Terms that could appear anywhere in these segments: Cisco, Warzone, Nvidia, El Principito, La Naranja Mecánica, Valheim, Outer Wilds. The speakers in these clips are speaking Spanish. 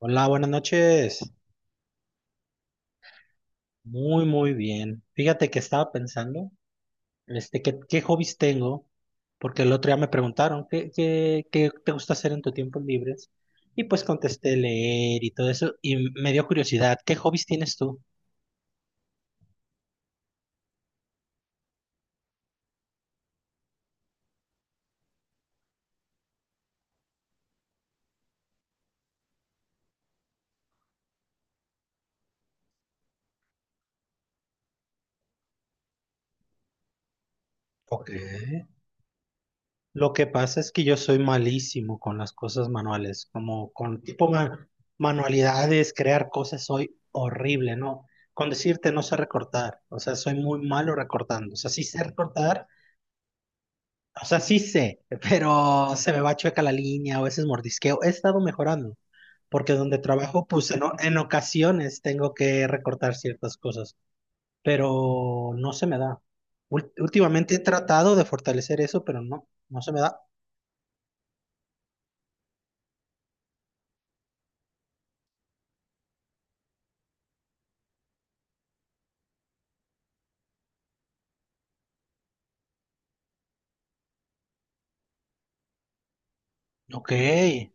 Hola, buenas noches. Muy, muy bien. Fíjate que estaba pensando, qué hobbies tengo, porque el otro día me preguntaron, qué te gusta hacer en tu tiempo libre? Y pues contesté leer y todo eso, y me dio curiosidad, ¿qué hobbies tienes tú? Ok. Lo que pasa es que yo soy malísimo con las cosas manuales, como con tipo manualidades, crear cosas, soy horrible, ¿no? Con decirte no sé recortar, o sea, soy muy malo recortando, o sea, sí sé recortar. O sea, sí sé, pero se me va chueca la línea, a veces mordisqueo. He estado mejorando, porque donde trabajo, pues en ocasiones tengo que recortar ciertas cosas, pero no se me da. Últimamente he tratado de fortalecer eso, pero no, no se me da. Ok, entonces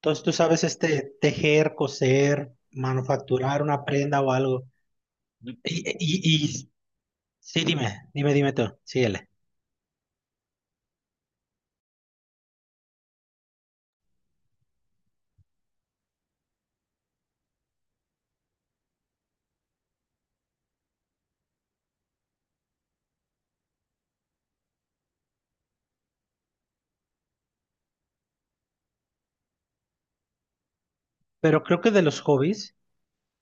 tú sabes este tejer, coser, manufacturar una prenda o algo. Y, y, y- sí, dime, dime, dime tú, síguele. Pero creo que de los hobbies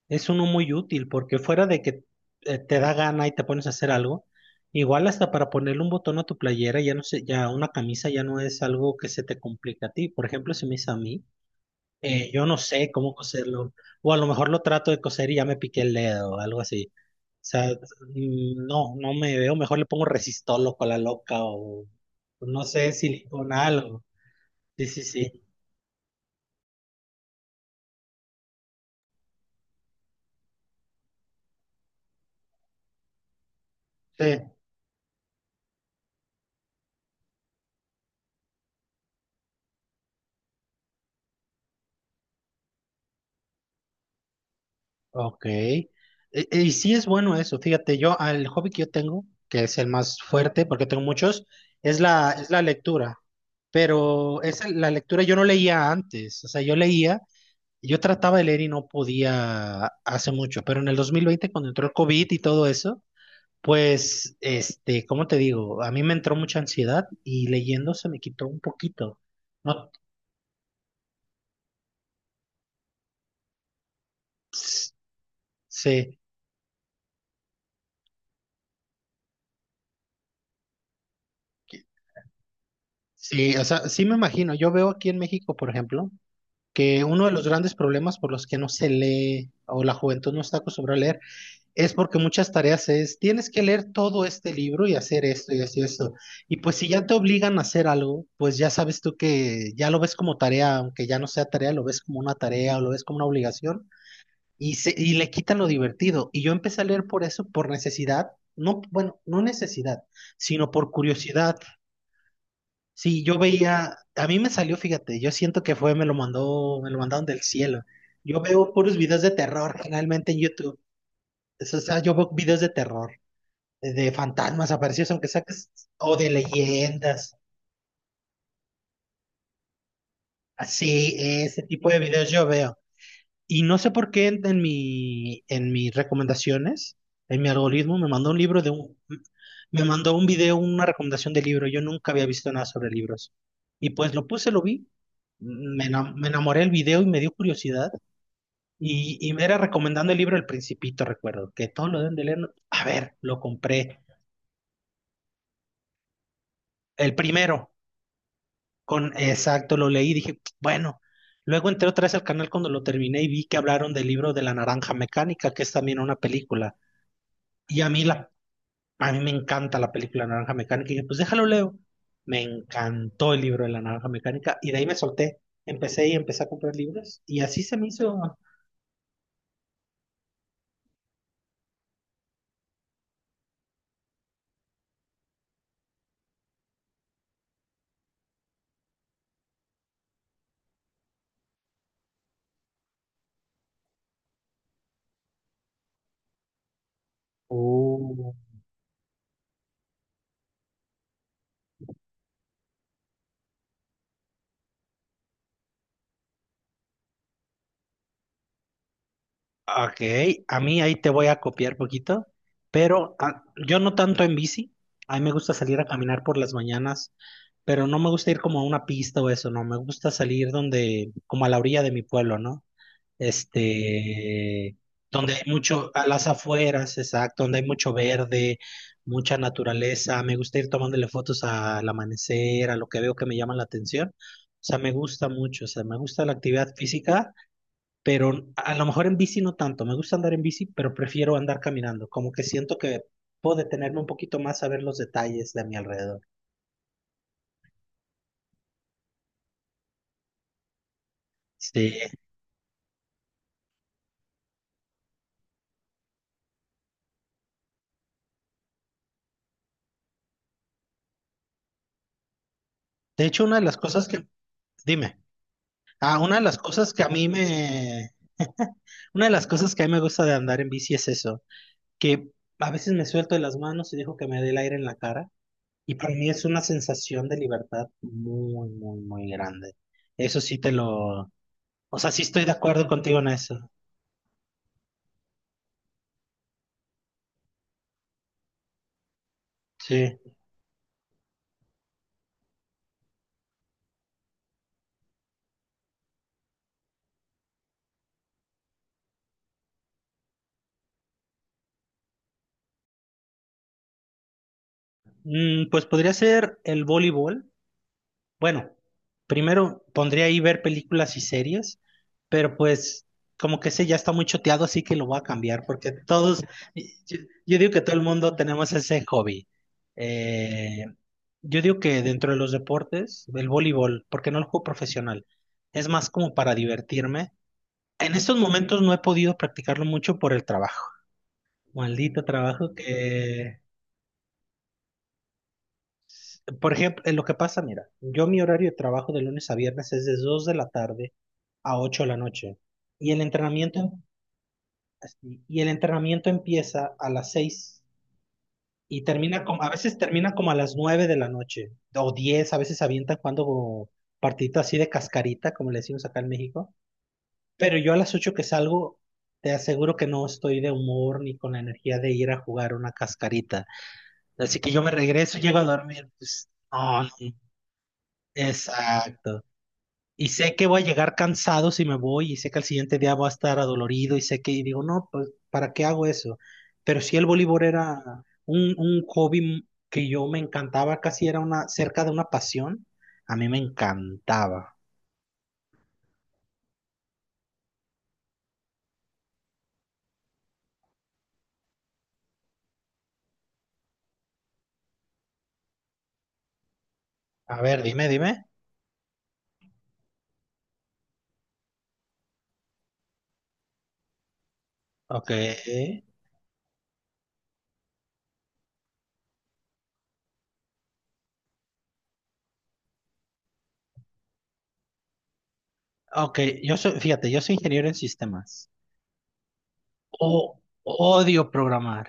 es uno muy útil, porque fuera de que te da gana y te pones a hacer algo, igual hasta para ponerle un botón a tu playera, ya no sé, ya una camisa ya no es algo que se te complica a ti. Por ejemplo, si me hizo a mí, yo no sé cómo coserlo, o a lo mejor lo trato de coser y ya me piqué el dedo o algo así. O sea, no, no me veo, mejor le pongo resistol o la loca o no sé, silicona, algo. Sí, sí, sí. Sí. Ok. Y, sí, es bueno eso. Fíjate, yo, el hobby que yo tengo, que es el más fuerte, porque tengo muchos, es la lectura. Pero esa, la lectura, yo no leía antes. O sea, yo leía, yo trataba de leer y no podía hace mucho. Pero en el 2020, cuando entró el COVID y todo eso, pues, ¿cómo te digo? A mí me entró mucha ansiedad y leyendo se me quitó un poquito. No, sí. Sí, o sea, sí me imagino. Yo veo aquí en México, por ejemplo, que uno de los grandes problemas por los que no se lee o la juventud no está acostumbrada a leer, es porque muchas tareas es, tienes que leer todo este libro y hacer esto y esto y esto. Y pues si ya te obligan a hacer algo, pues ya sabes tú que ya lo ves como tarea, aunque ya no sea tarea, lo ves como una tarea o lo ves como una obligación y, y le quitan lo divertido. Y yo empecé a leer por eso, por necesidad. No, bueno, no necesidad, sino por curiosidad. Sí, yo veía, a mí me salió, fíjate, yo siento que fue, me lo mandó, me lo mandaron del cielo. Yo veo puros videos de terror, generalmente en YouTube. O sea, yo veo videos de terror, de fantasmas aparecidos, aunque saques, o de leyendas, así, ese tipo de videos yo veo. Y no sé por qué en mi, en mis recomendaciones, en mi algoritmo, me mandó un libro de un, me mandó un video, una recomendación de libro. Yo nunca había visto nada sobre libros. Y pues lo puse, lo vi. Me, me enamoré del video y me dio curiosidad. Y me era recomendando el libro El Principito, recuerdo, que todos lo deben de leer. ¿No? A ver, lo compré. El primero, con exacto, lo leí y dije, bueno. Luego entré otra vez al canal cuando lo terminé y vi que hablaron del libro de La Naranja Mecánica, que es también una película. Y a mí, a mí me encanta la película Naranja Mecánica. Y dije, pues déjalo leo. Me encantó el libro de La Naranja Mecánica y de ahí me solté. Empecé y empecé a comprar libros y así se me hizo. Oh. Ok, a mí ahí te voy a copiar poquito, pero yo no tanto en bici, a mí me gusta salir a caminar por las mañanas, pero no me gusta ir como a una pista o eso, no, me gusta salir donde, como a la orilla de mi pueblo, ¿no? Este, donde hay mucho, a las afueras, exacto, donde hay mucho verde, mucha naturaleza, me gusta ir tomándole fotos al amanecer, a lo que veo que me llama la atención, o sea, me gusta mucho, o sea, me gusta la actividad física, pero a lo mejor en bici no tanto. Me gusta andar en bici, pero prefiero andar caminando. Como que siento que puedo detenerme un poquito más a ver los detalles de mi alrededor. Sí. De hecho, una de las cosas que, dime, una de las cosas que a mí me, una de las cosas que a mí me gusta de andar en bici es eso, que a veces me suelto de las manos y dejo que me dé el aire en la cara. Y para mí es una sensación de libertad muy, muy, muy grande. Eso sí te lo, o sea, sí estoy de acuerdo contigo en eso. Sí. Pues podría ser el voleibol. Bueno, primero pondría ahí ver películas y series, pero pues como que ese ya está muy choteado, así que lo voy a cambiar, porque todos, yo, yo digo que todo el mundo tenemos ese hobby. Eh, yo digo que dentro de los deportes, el voleibol, porque no lo juego profesional, es más como para divertirme. En estos momentos no he podido practicarlo mucho por el trabajo. Maldito trabajo que. Por ejemplo, lo que pasa, mira, yo mi horario de trabajo de lunes a viernes es de 2 de la tarde a 8 de la noche, y el entrenamiento, así, y el entrenamiento empieza a las 6 y termina como, a veces termina como a las 9 de la noche o 10, a veces avientan cuando partidito así de cascarita, como le decimos acá en México, pero yo a las 8 que salgo, te aseguro que no estoy de humor ni con la energía de ir a jugar una cascarita. Así que yo me regreso, llego a dormir, pues, no, no, exacto. Y sé que voy a llegar cansado si me voy, y sé que al siguiente día voy a estar adolorido, y sé que, y digo, no, pues, ¿para qué hago eso? Pero sí, el voleibol era un hobby que yo me encantaba, casi era una, cerca de una pasión, a mí me encantaba. A ver, dime, dime. Ok, ok, yo soy, fíjate, yo soy ingeniero en sistemas. O, odio programar,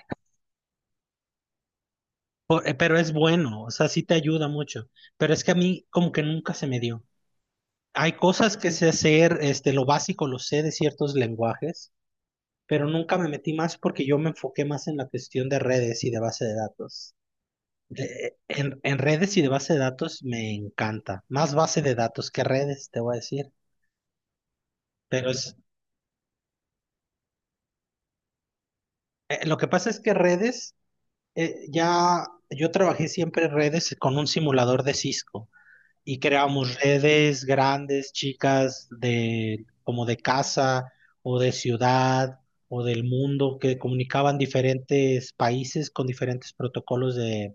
pero es bueno, o sea, sí te ayuda mucho, pero es que a mí como que nunca se me dio. Hay cosas que sé hacer, lo básico lo sé de ciertos lenguajes, pero nunca me metí más porque yo me enfoqué más en la cuestión de redes y de base de datos. En redes y de base de datos me encanta. Más base de datos que redes, te voy a decir. Pero es, lo que pasa es que redes, ya yo trabajé siempre en redes con un simulador de Cisco. Y creamos redes grandes, chicas, de, como de casa o de ciudad o del mundo, que comunicaban diferentes países con diferentes protocolos de,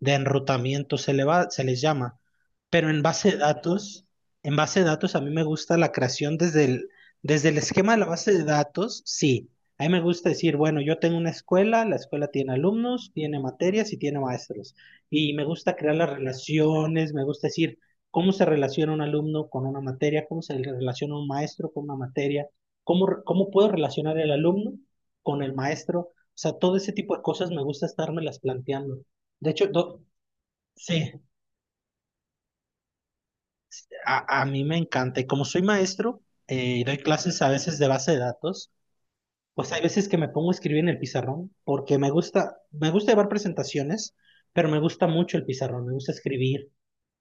de enrutamiento, se le va, se les llama. Pero en base de datos, en base de datos a mí me gusta la creación desde el esquema de la base de datos, sí. A mí me gusta decir, bueno, yo tengo una escuela, la escuela tiene alumnos, tiene materias y tiene maestros. Y me gusta crear las relaciones, me gusta decir, cómo se relaciona un alumno con una materia, cómo se relaciona un maestro con una materia, cómo puedo relacionar el alumno con el maestro. O sea, todo ese tipo de cosas me gusta estármelas planteando. De hecho, sí, a mí me encanta. Y como soy maestro y doy clases a veces de base de datos, pues hay veces que me pongo a escribir en el pizarrón porque me gusta llevar presentaciones, pero me gusta mucho el pizarrón, me gusta escribir.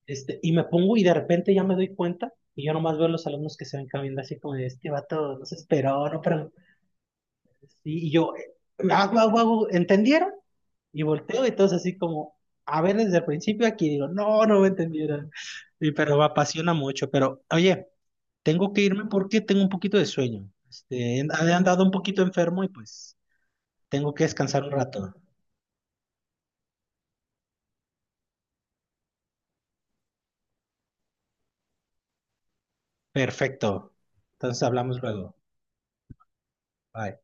Y me pongo y de repente ya me doy cuenta y yo nomás veo a los alumnos que se ven caminando así como de este vato no se esperó, no preguntó. Y yo, hago, ¿entendieron? Y volteo y todos así como, a ver desde el principio, aquí digo, no, no me entendieron. Y, pero me apasiona mucho. Pero oye, tengo que irme porque tengo un poquito de sueño. He andado un poquito enfermo y pues tengo que descansar un rato. Perfecto. Entonces hablamos luego. Bye.